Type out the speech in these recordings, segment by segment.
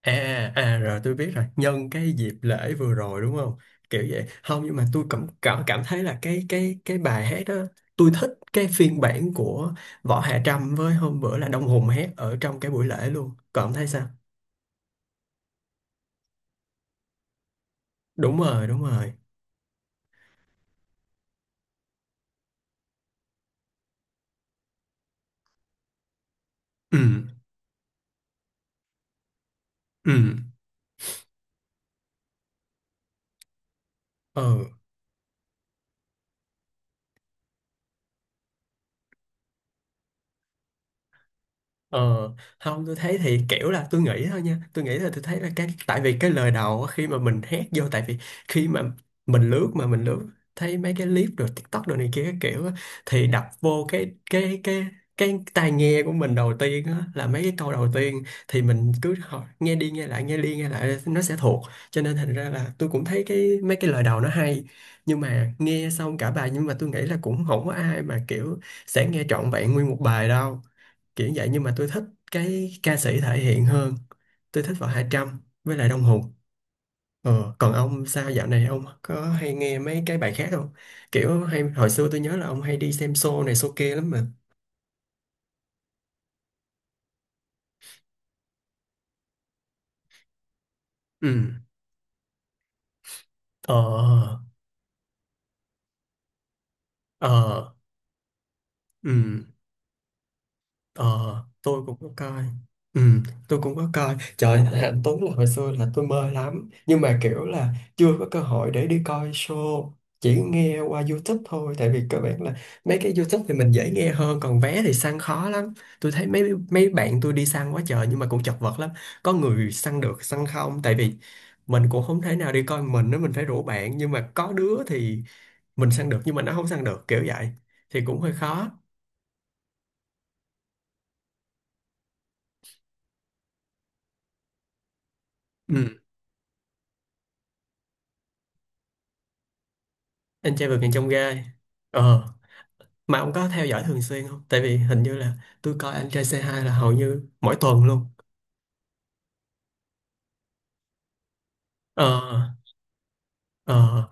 À, rồi tôi biết rồi. Nhân cái dịp lễ vừa rồi đúng không, kiểu vậy không? Nhưng mà tôi cảm cảm cảm thấy là cái bài hát đó, tôi thích cái phiên bản của Võ Hạ Trâm, với hôm bữa là Đông Hùng hát ở trong cái buổi lễ luôn. Còn ông thấy sao? Đúng rồi, đúng rồi. ừ ừ ừ Ờ, không, tôi thấy thì kiểu là tôi nghĩ thôi nha, tôi nghĩ là tôi thấy là cái, tại vì cái lời đầu á, khi mà mình hét vô, tại vì khi mà mình lướt, mà mình lướt thấy mấy cái clip rồi TikTok rồi này kia cái kiểu á, thì đập vô cái tai nghe của mình đầu tiên á, là mấy cái câu đầu tiên, thì mình cứ hỏi, nghe đi nghe lại nghe đi nghe lại nó sẽ thuộc, cho nên thành ra là tôi cũng thấy cái mấy cái lời đầu nó hay, nhưng mà nghe xong cả bài, nhưng mà tôi nghĩ là cũng không có ai mà kiểu sẽ nghe trọn vẹn nguyên một bài đâu, kiểu vậy. Nhưng mà tôi thích cái ca sĩ thể hiện hơn. Tôi thích Võ Hạ Trâm với lại Đông Hùng. Ờ, còn ông sao, dạo này ông có hay nghe mấy cái bài khác không? Kiểu hay hồi xưa tôi nhớ là ông hay đi xem show này show kia lắm mà. ừ ờ ờ ừ Ờ, tôi cũng có coi. Ừ, tôi cũng có coi. Trời, anh Tuấn là hồi xưa là tôi mê lắm. Nhưng mà kiểu là chưa có cơ hội để đi coi show. Chỉ nghe qua YouTube thôi. Tại vì các bạn là mấy cái YouTube thì mình dễ nghe hơn. Còn vé thì săn khó lắm. Tôi thấy mấy mấy bạn tôi đi săn quá trời nhưng mà cũng chật vật lắm. Có người săn được, săn không. Tại vì mình cũng không thể nào đi coi mình nữa. Mình phải rủ bạn. Nhưng mà có đứa thì mình săn được nhưng mà nó không săn được. Kiểu vậy. Thì cũng hơi khó. Ừ. Anh trai vượt ngàn chông gai. Ờ, mà ông có theo dõi thường xuyên không, tại vì hình như là tôi coi anh trai c hai là hầu như mỗi tuần luôn. ờ ờ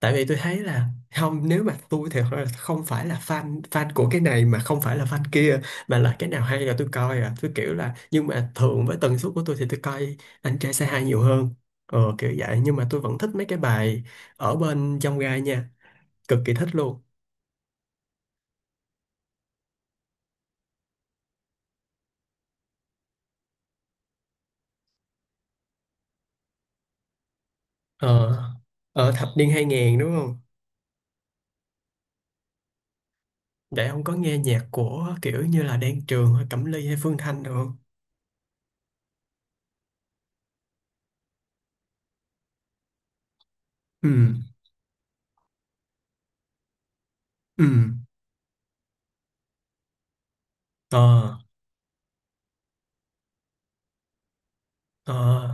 Tại vì tôi thấy là, không, nếu mà tôi thì thật ra là không phải là fan fan của cái này mà không phải là fan kia, mà là cái nào hay là tôi coi à, tôi kiểu là, nhưng mà thường với tần suất của tôi thì tôi coi anh trai c hai nhiều hơn. Ờ, kiểu vậy. Nhưng mà tôi vẫn thích mấy cái bài ở bên trong gai nha, cực kỳ thích luôn. ờ Ở thập niên 2000 đúng không? Vậy ông có nghe nhạc của kiểu như là Đan Trường hay Cẩm Ly hay Phương Thanh được không? ừ ừ Ờ, ờ,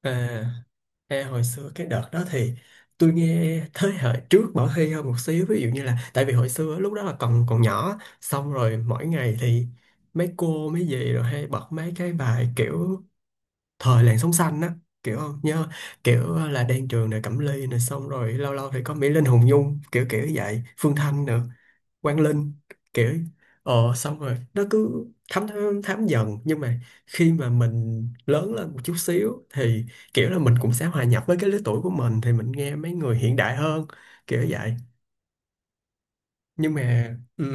à, Ê, hồi xưa cái đợt đó thì tôi nghe thế hệ trước Bảo Hy hơn một xíu, ví dụ như là, tại vì hồi xưa lúc đó là còn còn nhỏ, xong rồi mỗi ngày thì mấy cô mấy dì rồi hay bật mấy cái bài kiểu thời làn sóng xanh á, kiểu không nhớ, kiểu là Đan Trường này, Cẩm Ly này, xong rồi lâu lâu thì có Mỹ Linh, Hùng Nhung, kiểu kiểu vậy, Phương Thanh nữa, Quang Linh, kiểu, ờ, xong rồi nó cứ thấm thấm, thấm dần. Nhưng mà khi mà mình lớn lên một chút xíu thì kiểu là mình cũng sẽ hòa nhập với cái lứa tuổi của mình thì mình nghe mấy người hiện đại hơn, kiểu vậy. Nhưng mà ừ,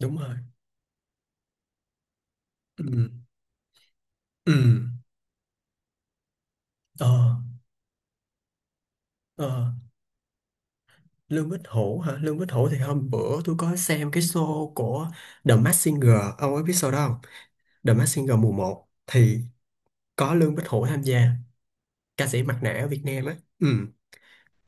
đúng rồi. ừ ừ ờ ờ Lương Bích Hữu hả? Lương Bích Hữu thì hôm bữa tôi có xem cái show của The Masked Singer, ông ấy biết show đó không? The Masked Singer mùa một thì có Lương Bích Hữu tham gia, ca sĩ mặt nạ ở Việt Nam á. Ừ,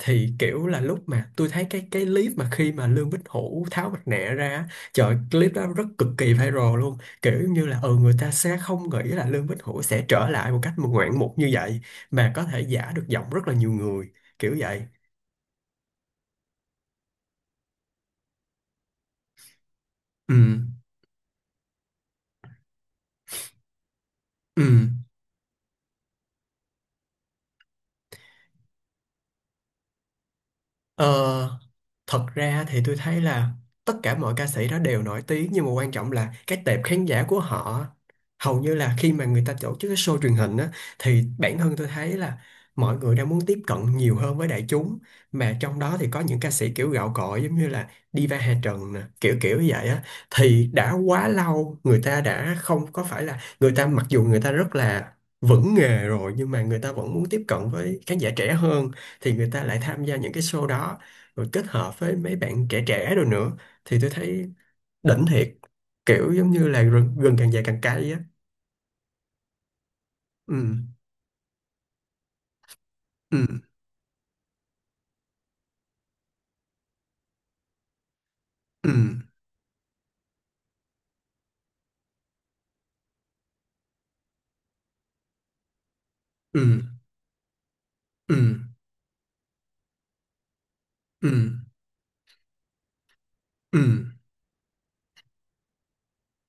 thì kiểu là lúc mà tôi thấy cái clip mà khi mà Lương Bích Hữu tháo mặt nạ ra á, trời ơi, clip đó rất cực kỳ viral luôn, kiểu như là ừ, người ta sẽ không nghĩ là Lương Bích Hữu sẽ trở lại một cách mà ngoạn mục như vậy, mà có thể giả được giọng rất là nhiều người, kiểu vậy. ừ ừ Ờ, thật ra thì tôi thấy là tất cả mọi ca sĩ đó đều nổi tiếng, nhưng mà quan trọng là cái tệp khán giả của họ. Hầu như là khi mà người ta tổ chức cái show truyền hình á, thì bản thân tôi thấy là mọi người đang muốn tiếp cận nhiều hơn với đại chúng, mà trong đó thì có những ca sĩ kiểu gạo cội giống như là Diva Hà Trần nè, kiểu kiểu như vậy á, thì đã quá lâu người ta đã không có, phải là người ta mặc dù người ta rất là vững nghề rồi nhưng mà người ta vẫn muốn tiếp cận với khán giả trẻ hơn, thì người ta lại tham gia những cái show đó, rồi kết hợp với mấy bạn trẻ trẻ rồi nữa, thì tôi thấy đỉnh thiệt, kiểu giống như là rừng, rừng càng dài càng cay á. ừ ừ ừ ừ ừ ừ ừ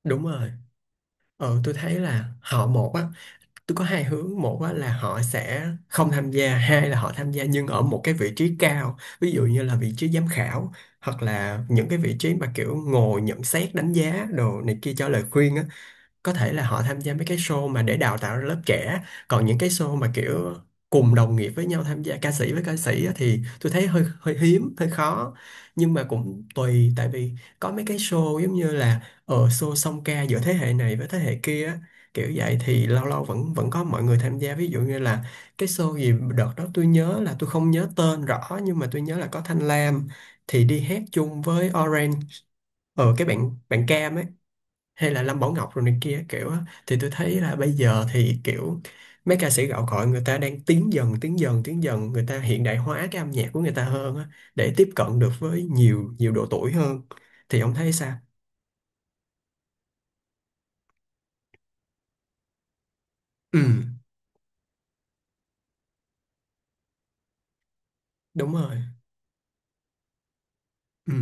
Đúng rồi. Ờ, tôi thấy là họ một á, tôi có hai hướng: một á là họ sẽ không tham gia, hai là họ tham gia nhưng ở một cái vị trí cao, ví dụ như là vị trí giám khảo, hoặc là những cái vị trí mà kiểu ngồi nhận xét đánh giá đồ này kia cho lời khuyên á. Có thể là họ tham gia mấy cái show mà để đào tạo ra lớp trẻ. Còn những cái show mà kiểu cùng đồng nghiệp với nhau tham gia, ca sĩ với ca sĩ á, thì tôi thấy hơi hơi hiếm, hơi khó. Nhưng mà cũng tùy, tại vì có mấy cái show giống như là ở show song ca giữa thế hệ này với thế hệ kia á, kiểu vậy thì lâu lâu vẫn vẫn có mọi người tham gia, ví dụ như là cái show gì đợt đó tôi nhớ là, tôi không nhớ tên rõ, nhưng mà tôi nhớ là có Thanh Lam thì đi hát chung với Orange, ở cái bạn bạn Cam ấy, hay là Lâm Bảo Ngọc rồi này kia kiểu á. Thì tôi thấy là bây giờ thì kiểu mấy ca sĩ gạo cội người ta đang tiến dần người ta hiện đại hóa cái âm nhạc của người ta hơn á, để tiếp cận được với nhiều nhiều độ tuổi hơn. Thì ông thấy sao? ừ Đúng rồi. ừ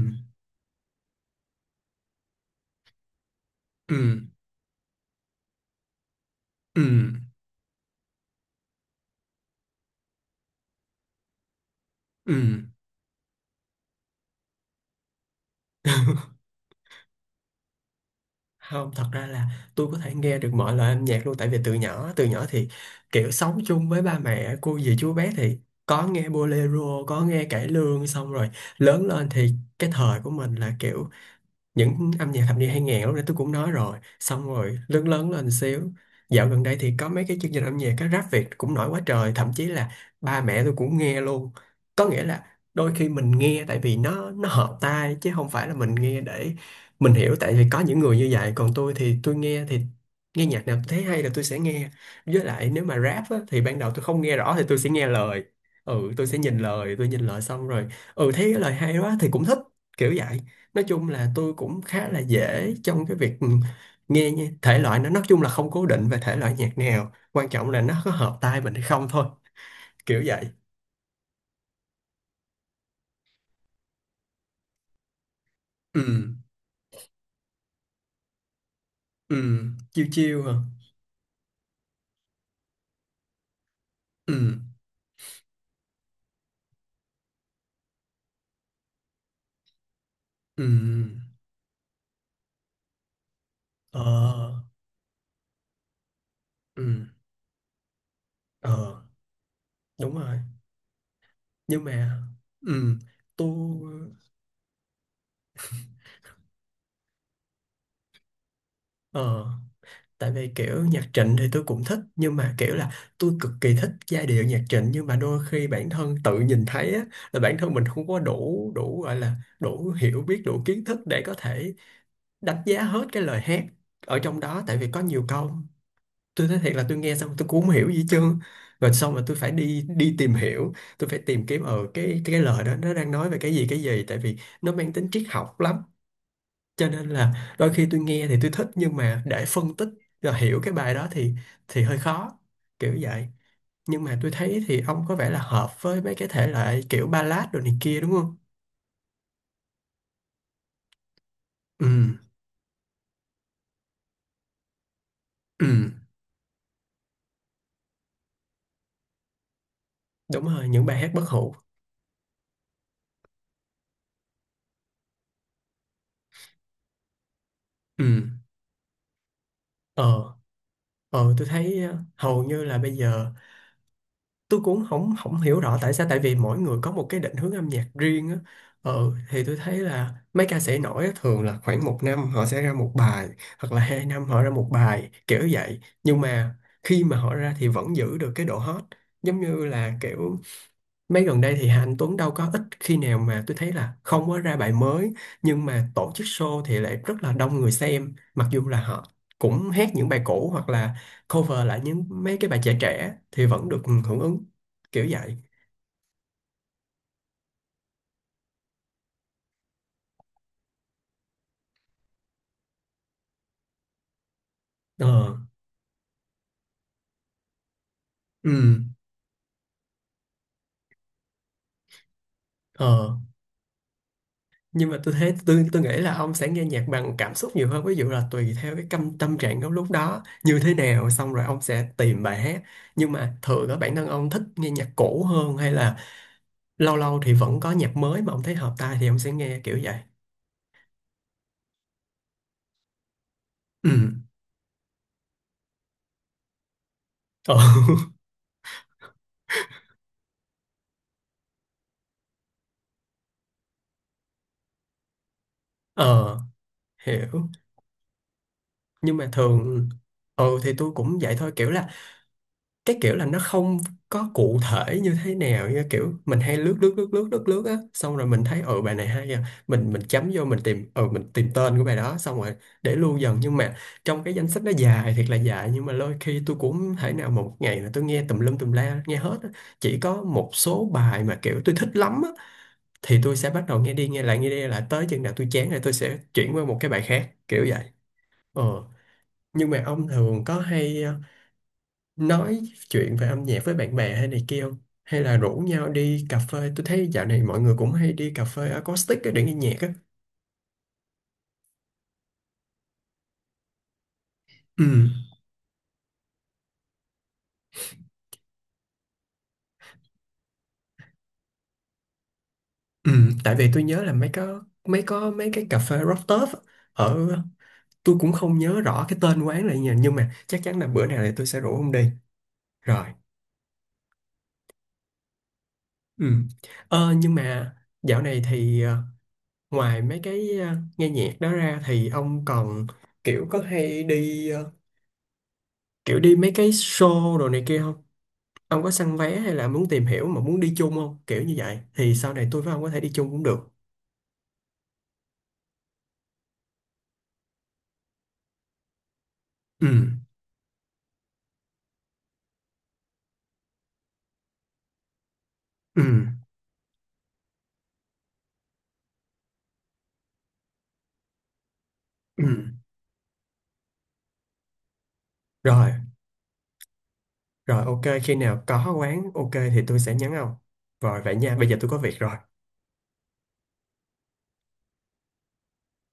ừ ừ ừ Không, thật ra là tôi có thể nghe được mọi loại âm nhạc luôn, tại vì từ nhỏ thì kiểu sống chung với ba mẹ cô dì chú bé thì có nghe bolero, có nghe cải lương, xong rồi lớn lên thì cái thời của mình là kiểu những âm nhạc thập niên 2000, lúc nãy tôi cũng nói rồi, xong rồi lớn lớn lên xíu, dạo gần đây thì có mấy cái chương trình âm nhạc, cái rap Việt cũng nổi quá trời, thậm chí là ba mẹ tôi cũng nghe luôn. Có nghĩa là đôi khi mình nghe tại vì nó hợp tai, chứ không phải là mình nghe để mình hiểu, tại vì có những người như vậy. Còn tôi thì tôi nghe thì nghe nhạc nào tôi thấy hay là tôi sẽ nghe. Với lại nếu mà rap á, thì ban đầu tôi không nghe rõ thì tôi sẽ nghe lời, ừ, tôi sẽ nhìn lời, tôi nhìn lời xong rồi ừ, thấy cái lời hay quá thì cũng thích, kiểu vậy. Nói chung là tôi cũng khá là dễ trong cái việc nghe nha. Thể loại nó nói chung là không cố định về thể loại nhạc nào, quan trọng là nó có hợp tai mình hay không thôi, kiểu vậy. ừ ừ Chiêu chiêu hả? ừ ừ ờ ừ ờ Đúng rồi. Nhưng mà ừ, tôi ờ, tại vì kiểu nhạc Trịnh thì tôi cũng thích nhưng mà kiểu là tôi cực kỳ thích giai điệu nhạc Trịnh, nhưng mà đôi khi bản thân tự nhìn thấy á, là bản thân mình không có đủ, gọi là đủ hiểu biết, đủ kiến thức để có thể đánh giá hết cái lời hát ở trong đó, tại vì có nhiều câu tôi nói thiệt là tôi nghe xong tôi cũng không hiểu gì hết trơn, rồi xong mà tôi phải đi đi tìm hiểu, tôi phải tìm kiếm ở cái lời đó nó đang nói về cái gì, tại vì nó mang tính Triết học lắm, cho nên là đôi khi tôi nghe thì tôi thích, nhưng mà để phân tích và hiểu cái bài đó thì hơi khó, kiểu vậy. Nhưng mà tôi thấy thì ông có vẻ là hợp với mấy cái thể loại kiểu ballad rồi này kia, đúng không? Ừ, ừ, đúng rồi, những bài hát bất hủ. Ừ. ờ ờ, tôi thấy, hầu như là bây giờ tôi cũng không không hiểu rõ tại sao, tại vì mỗi người có một cái định hướng âm nhạc riêng á. Ờ, thì tôi thấy là mấy ca sĩ nổi á, thường là khoảng một năm họ sẽ ra một bài, hoặc là hai năm họ ra một bài, kiểu vậy. Nhưng mà khi mà họ ra thì vẫn giữ được cái độ hot, giống như là kiểu mấy gần đây thì Hà Anh Tuấn đâu có ít khi nào mà tôi thấy là không có ra bài mới, nhưng mà tổ chức show thì lại rất là đông người xem, mặc dù là họ cũng hát những bài cũ, hoặc là cover lại những mấy cái bài trẻ trẻ thì vẫn được hưởng ứng, kiểu vậy. Ờ. Ừ. Ờ, nhưng mà tôi thấy tôi nghĩ là ông sẽ nghe nhạc bằng cảm xúc nhiều hơn, ví dụ là tùy theo cái tâm tâm trạng của lúc đó như thế nào, xong rồi ông sẽ tìm bài hát. Nhưng mà thường ở bản thân ông thích nghe nhạc cũ hơn, hay là lâu lâu thì vẫn có nhạc mới mà ông thấy hợp tai thì ông sẽ nghe, kiểu vậy. Ừ. Ờ. Ờ, hiểu. Nhưng mà thường, ừ, thì tôi cũng vậy thôi, kiểu là cái kiểu là nó không có cụ thể như thế nào, như kiểu mình hay lướt lướt lướt lướt lướt lướt á, xong rồi mình thấy, ừ, bài này hay à, mình chấm vô, mình tìm, ừ, mình tìm tên của bài đó, xong rồi để lưu dần. Nhưng mà trong cái danh sách nó dài thiệt là dài, nhưng mà đôi khi tôi cũng không thể nào mà một ngày là tôi nghe tùm lum tùm la nghe hết á. Chỉ có một số bài mà kiểu tôi thích lắm thì tôi sẽ bắt đầu nghe đi nghe lại, nghe đi nghe lại tới chừng nào tôi chán rồi tôi sẽ chuyển qua một cái bài khác, kiểu vậy. Ờ, nhưng mà ông thường có hay nói chuyện về âm nhạc với bạn bè hay này kia không, hay là rủ nhau đi cà phê? Tôi thấy dạo này mọi người cũng hay đi cà phê acoustic á để nghe nhạc á. Ừ. Ừ, tại vì tôi nhớ là mấy có mấy có mấy cái cà phê rooftop á, ở, tôi cũng không nhớ rõ cái tên quán là gì nhờ, nhưng mà chắc chắn là bữa nào thì tôi sẽ rủ ông đi. Rồi. Ừ. Ờ, nhưng mà dạo này thì ngoài mấy cái nghe nhạc đó ra thì ông còn kiểu có hay đi kiểu đi mấy cái show đồ này kia không? Ông có săn vé hay là muốn tìm hiểu mà muốn đi chung không? Kiểu như vậy thì sau này tôi với ông có thể đi chung cũng được. Ừ, ừ, ừ. Rồi, rồi, ok, khi nào có quán ok thì tôi sẽ nhắn ông. Rồi vậy nha, bây giờ tôi có việc rồi.